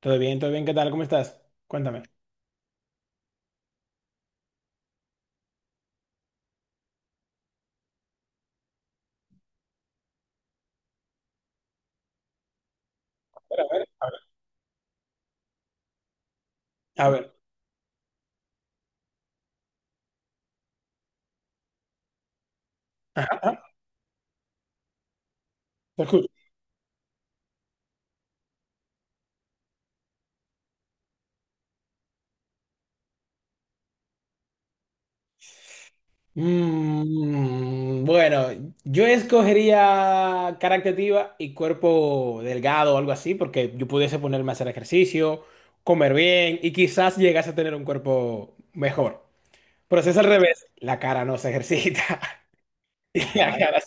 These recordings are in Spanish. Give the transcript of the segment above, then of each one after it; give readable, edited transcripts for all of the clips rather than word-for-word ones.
Todo bien, ¿qué tal? ¿Cómo estás? Cuéntame. A ver, a ver. A ver, te escucho. Bueno, yo escogería cara activa y cuerpo delgado o algo así, porque yo pudiese ponerme a hacer ejercicio, comer bien y quizás llegase a tener un cuerpo mejor. Pero si es al revés, la cara no se ejercita y la Claro. cara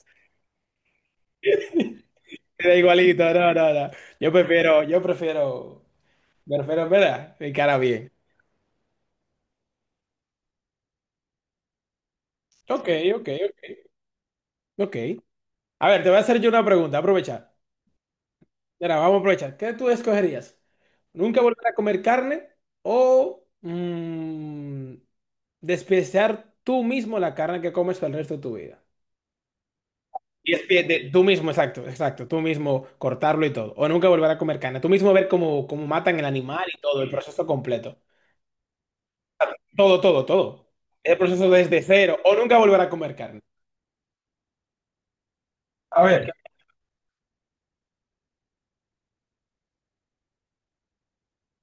se da igualito. No, no, no. Yo prefiero, yo prefiero, prefiero, ¿verdad? Mi cara bien. Ok, ok, ok. Ok. A ver, te voy a hacer yo una pregunta, aprovechar. Mira, vamos a aprovechar. ¿Qué tú escogerías? ¿Nunca volver a comer carne o despreciar tú mismo la carne que comes por el resto de tu vida? Y es tú mismo, exacto, exacto, tú mismo cortarlo y todo. O nunca volver a comer carne. Tú mismo ver cómo matan el animal y todo, el proceso completo. Todo, todo, todo. El proceso desde cero. O nunca volver a comer carne. A ver,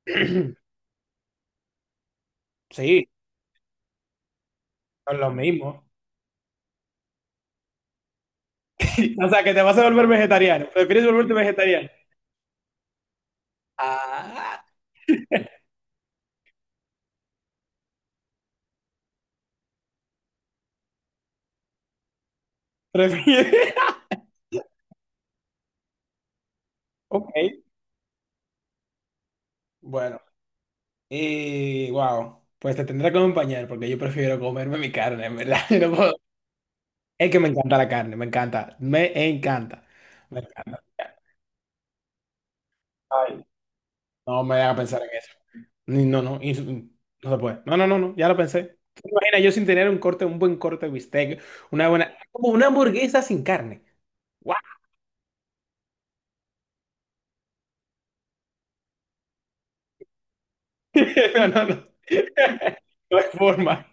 sí, son los mismos. O sea, que te vas a volver vegetariano. ¿Prefieres volverte vegetariano? Ah, prefiere. Ok, bueno. Y wow, pues te tendré que acompañar porque yo prefiero comerme mi carne, en verdad. Yo no puedo. Es que me encanta la carne, me encanta, me encanta, me encanta. Ay, no me haga pensar en eso. No, no se puede. No, no, no, no, ya lo pensé. ¿Te imaginas yo sin tener un buen corte de bistec, una buena, como una hamburguesa sin carne? Guau. No, no, no. No hay forma.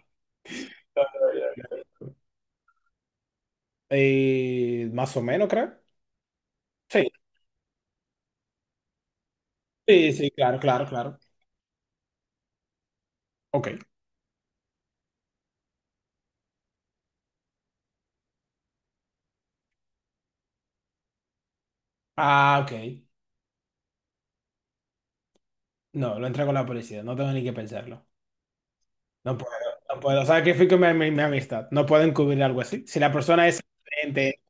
Más o menos, creo. Sí. Sí, sí, claro, claro, claro. Ok. Ah, ok. No, lo entrego a la policía. No tengo ni que pensarlo. No puedo, no puedo. ¿Sabes qué fui con mi amistad? No puedo encubrir algo así. Si la persona es inocente,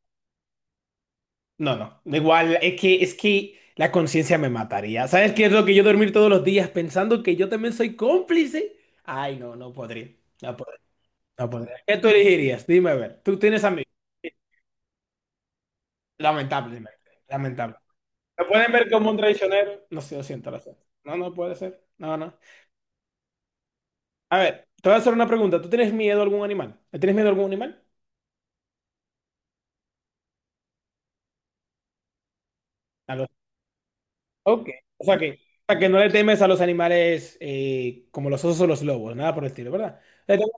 no, no. Da igual, es que la conciencia me mataría. ¿Sabes qué es lo que yo dormir todos los días pensando que yo también soy cómplice? Ay, no, no podría. No podría, no podría. ¿Qué tú elegirías? Dime a ver. ¿Tú tienes amigos? Lamentablemente. Lamentable. ¿Lo pueden ver como un traicionero? No sé, lo siento, lo siento. No, no puede ser. No, no. A ver, te voy a hacer una pregunta. ¿Tú tienes miedo a algún animal? ¿Le tienes miedo a algún animal? A los... Ok. O sea que no le temes a los animales como los osos o los lobos, nada por el estilo, ¿verdad? Le temes.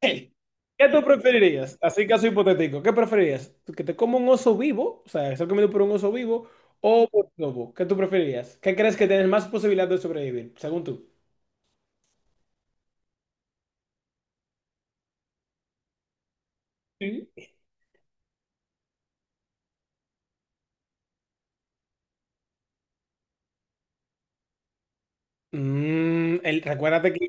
Hey, ¿qué tú preferirías? Así caso hipotético, ¿qué preferirías? ¿Que te coma un oso vivo? O sea, ser comido por un oso vivo o por un lobo. ¿Qué tú preferirías? ¿Qué crees que tienes más posibilidad de sobrevivir, según tú? Sí. Mm, el- recuérdate que...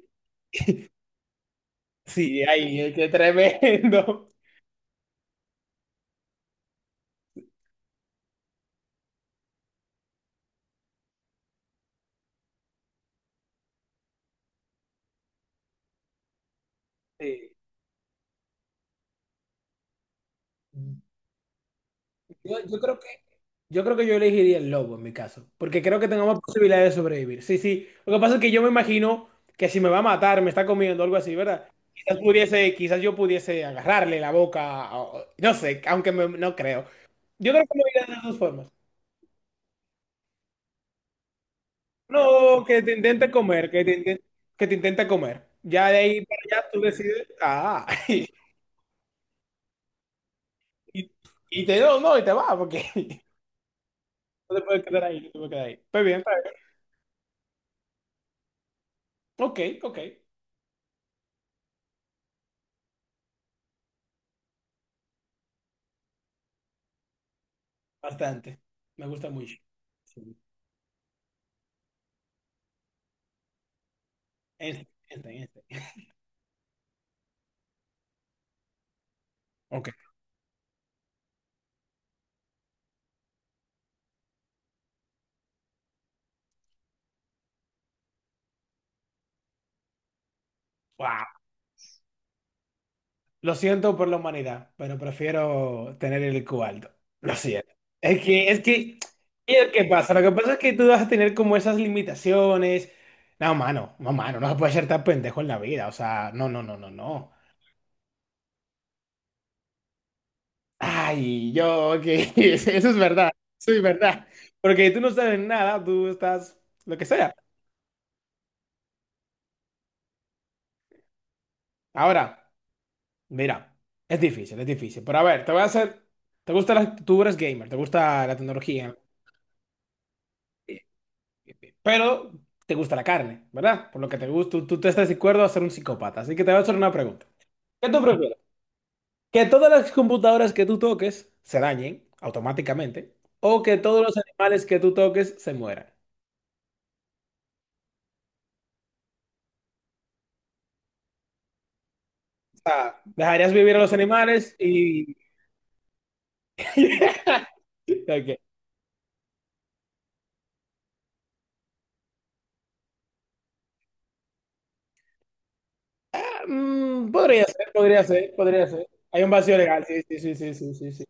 Sí, ay, qué tremendo. Sí. Yo creo que yo creo que yo elegiría el lobo en mi caso, porque creo que tengo más posibilidades de sobrevivir. Sí, sí. Lo que pasa es que yo me imagino que si me va a matar, me está comiendo algo así, ¿verdad? Quizás pudiese, quizás yo pudiese agarrarle la boca, no sé, aunque me- no creo. Yo creo que me iría de las dos formas. No, que te intente comer, que te intente comer. Ya de ahí para allá tú decides, ah, y, y te no, no, y te va, porque no te puedes quedar ahí, no te puedes quedar ahí. Pues bien, está bien. Ok, ok, bastante. Me gusta mucho. Sí. Einstein, Einstein, Einstein. Ok. Wow. Lo siento por la humanidad, pero prefiero tener el IQ alto. Lo siento. Es que, ¿y el qué pasa? Lo que pasa es que tú vas a tener como esas limitaciones. No, mano, no, mano, no se puede ser tan pendejo en la vida. O sea, no, no, no, no, no. Ay, yo, ok, eso es verdad, eso es verdad. Porque tú no sabes nada, tú estás lo que sea. Ahora, mira, es difícil, es difícil. Pero a ver, te voy a hacer. ¿Te gusta las... Tú eres gamer, te gusta la tecnología, pero te gusta la carne, ¿verdad? Por lo que te gusta, tú te estás de acuerdo a ser un psicópata. Así que te voy a hacer una pregunta. ¿Qué tú prefieres? ¿Que todas las computadoras que tú toques se dañen automáticamente? ¿O que todos los animales que tú toques se mueran? O sea, ¿dejarías vivir a los animales y...? Ok. Mm, podría ser, podría ser, podría ser. Hay un vacío legal, sí, sí, sí, sí, sí, sí.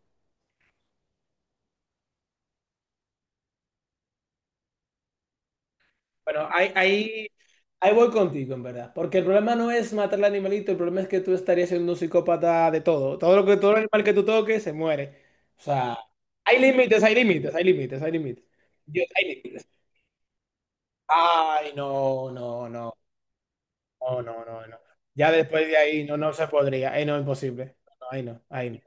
Bueno, ahí voy contigo, en verdad. Porque el problema no es matar al animalito, el problema es que tú estarías siendo un psicópata de todo. Todo lo que, todo animal que tú toques se muere. O sea, hay límites, hay límites, hay límites, hay límites. Yo... hay límites. Ay, no, no, no, no, no, no, no. Ya después de ahí no, no se podría. Ahí no, imposible. No, ahí no, ahí no.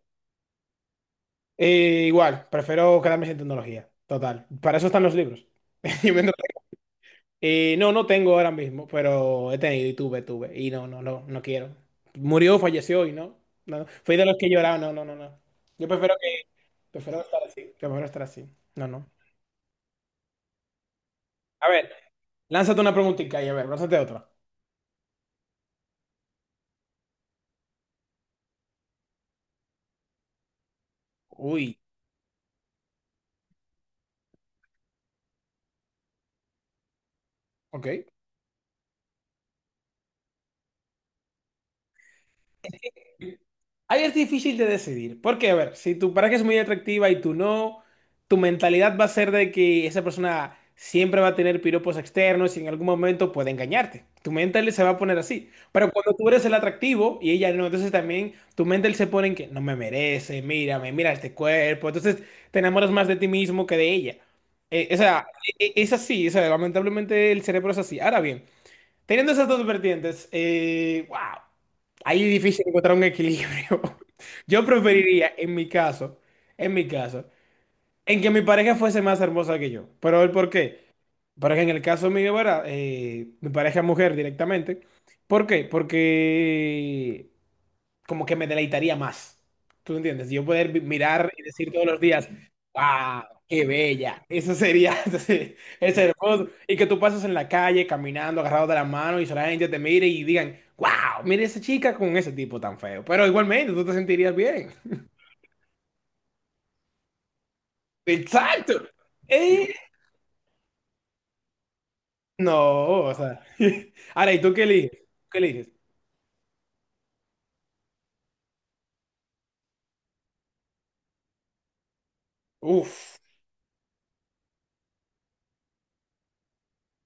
Igual, prefiero quedarme sin tecnología. Total. Para eso están los libros. Yo vendo. No, no tengo ahora mismo, pero he tenido y tuve, tuve. Y no, no, no, no quiero. Murió, falleció y no. No, no. Fui de los que lloraron, no, no, no, no. Yo prefiero que, prefiero estar así, prefiero estar así. No, no. A ver, lánzate una preguntita y a ver, lánzate otra. Uy, ok. Ahí es difícil de decidir, porque a ver, si tu pareja es muy atractiva y tú no, tu mentalidad va a ser de que esa persona siempre va a tener piropos externos y en algún momento puede engañarte. Tu mental se va a poner así. Pero cuando tú eres el atractivo y ella no, entonces también tu mental se pone en que no me merece, mírame, mira este cuerpo. Entonces te enamoras más de ti mismo que de ella. Eh, o sea, es así, o sea, lamentablemente el cerebro es así. Ahora bien. Teniendo esas dos vertientes, wow, ahí es difícil encontrar un equilibrio. Yo preferiría, en mi caso, en mi caso, en que mi pareja fuese más hermosa que yo. Pero el por qué, porque en el caso mío, ¿verdad? Mi pareja es mujer directamente. ¿Por qué? Porque como que me deleitaría más. ¿Tú entiendes? Yo poder mirar y decir todos los días, ¡wow! ¡Qué bella! Eso sería, sí, es hermoso. Y que tú pases en la calle caminando, agarrado de la mano y solamente te mire y digan, ¡wow! Mire esa chica con ese tipo tan feo. Pero igualmente tú te sentirías bien. ¡Exacto! Eh, no, o sea. Ahora, ¿y tú qué eliges? ¿Qué eliges? Uf,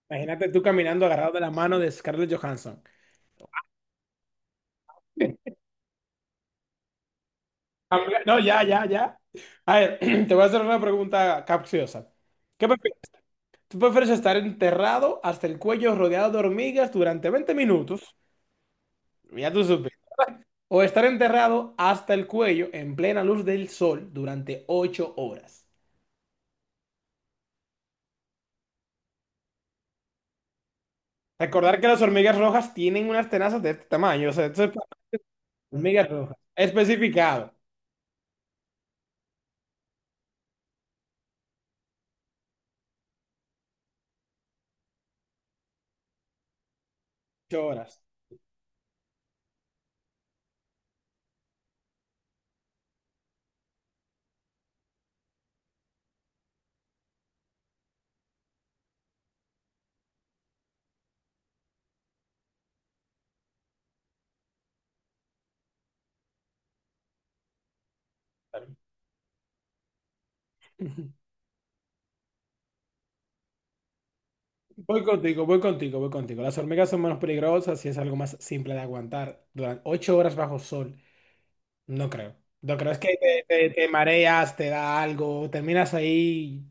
imagínate tú caminando agarrado de la mano de Scarlett Johansson. Habla... No, ya, ya, ya. A ver, te voy a hacer una pregunta capciosa. ¿Qué prefieres? ¿Tú prefieres estar enterrado hasta el cuello rodeado de hormigas durante 20 minutos? Ya tú supes. O estar enterrado hasta el cuello en plena luz del sol durante 8 horas. Recordar que las hormigas rojas tienen unas tenazas de este tamaño. O sea, esto es para hormigas rojas. Especificado. 8 horas. Voy contigo, voy contigo, voy contigo. Las hormigas son menos peligrosas y es algo más simple de aguantar durante 8 horas bajo sol. No creo. No creo, es que te, te mareas, te da algo, terminas ahí,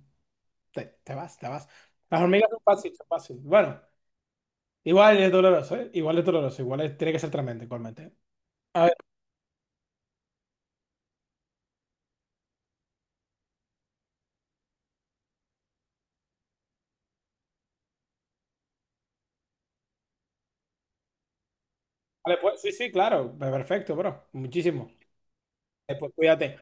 te vas, te vas. Las hormigas son fáciles, son fáciles. Bueno, igual es doloroso, ¿eh? Igual es doloroso, igual es- tiene que ser tremendo, igualmente. A ver, vale, pues sí, sí, claro, perfecto, bro. Muchísimo. Pues cuídate.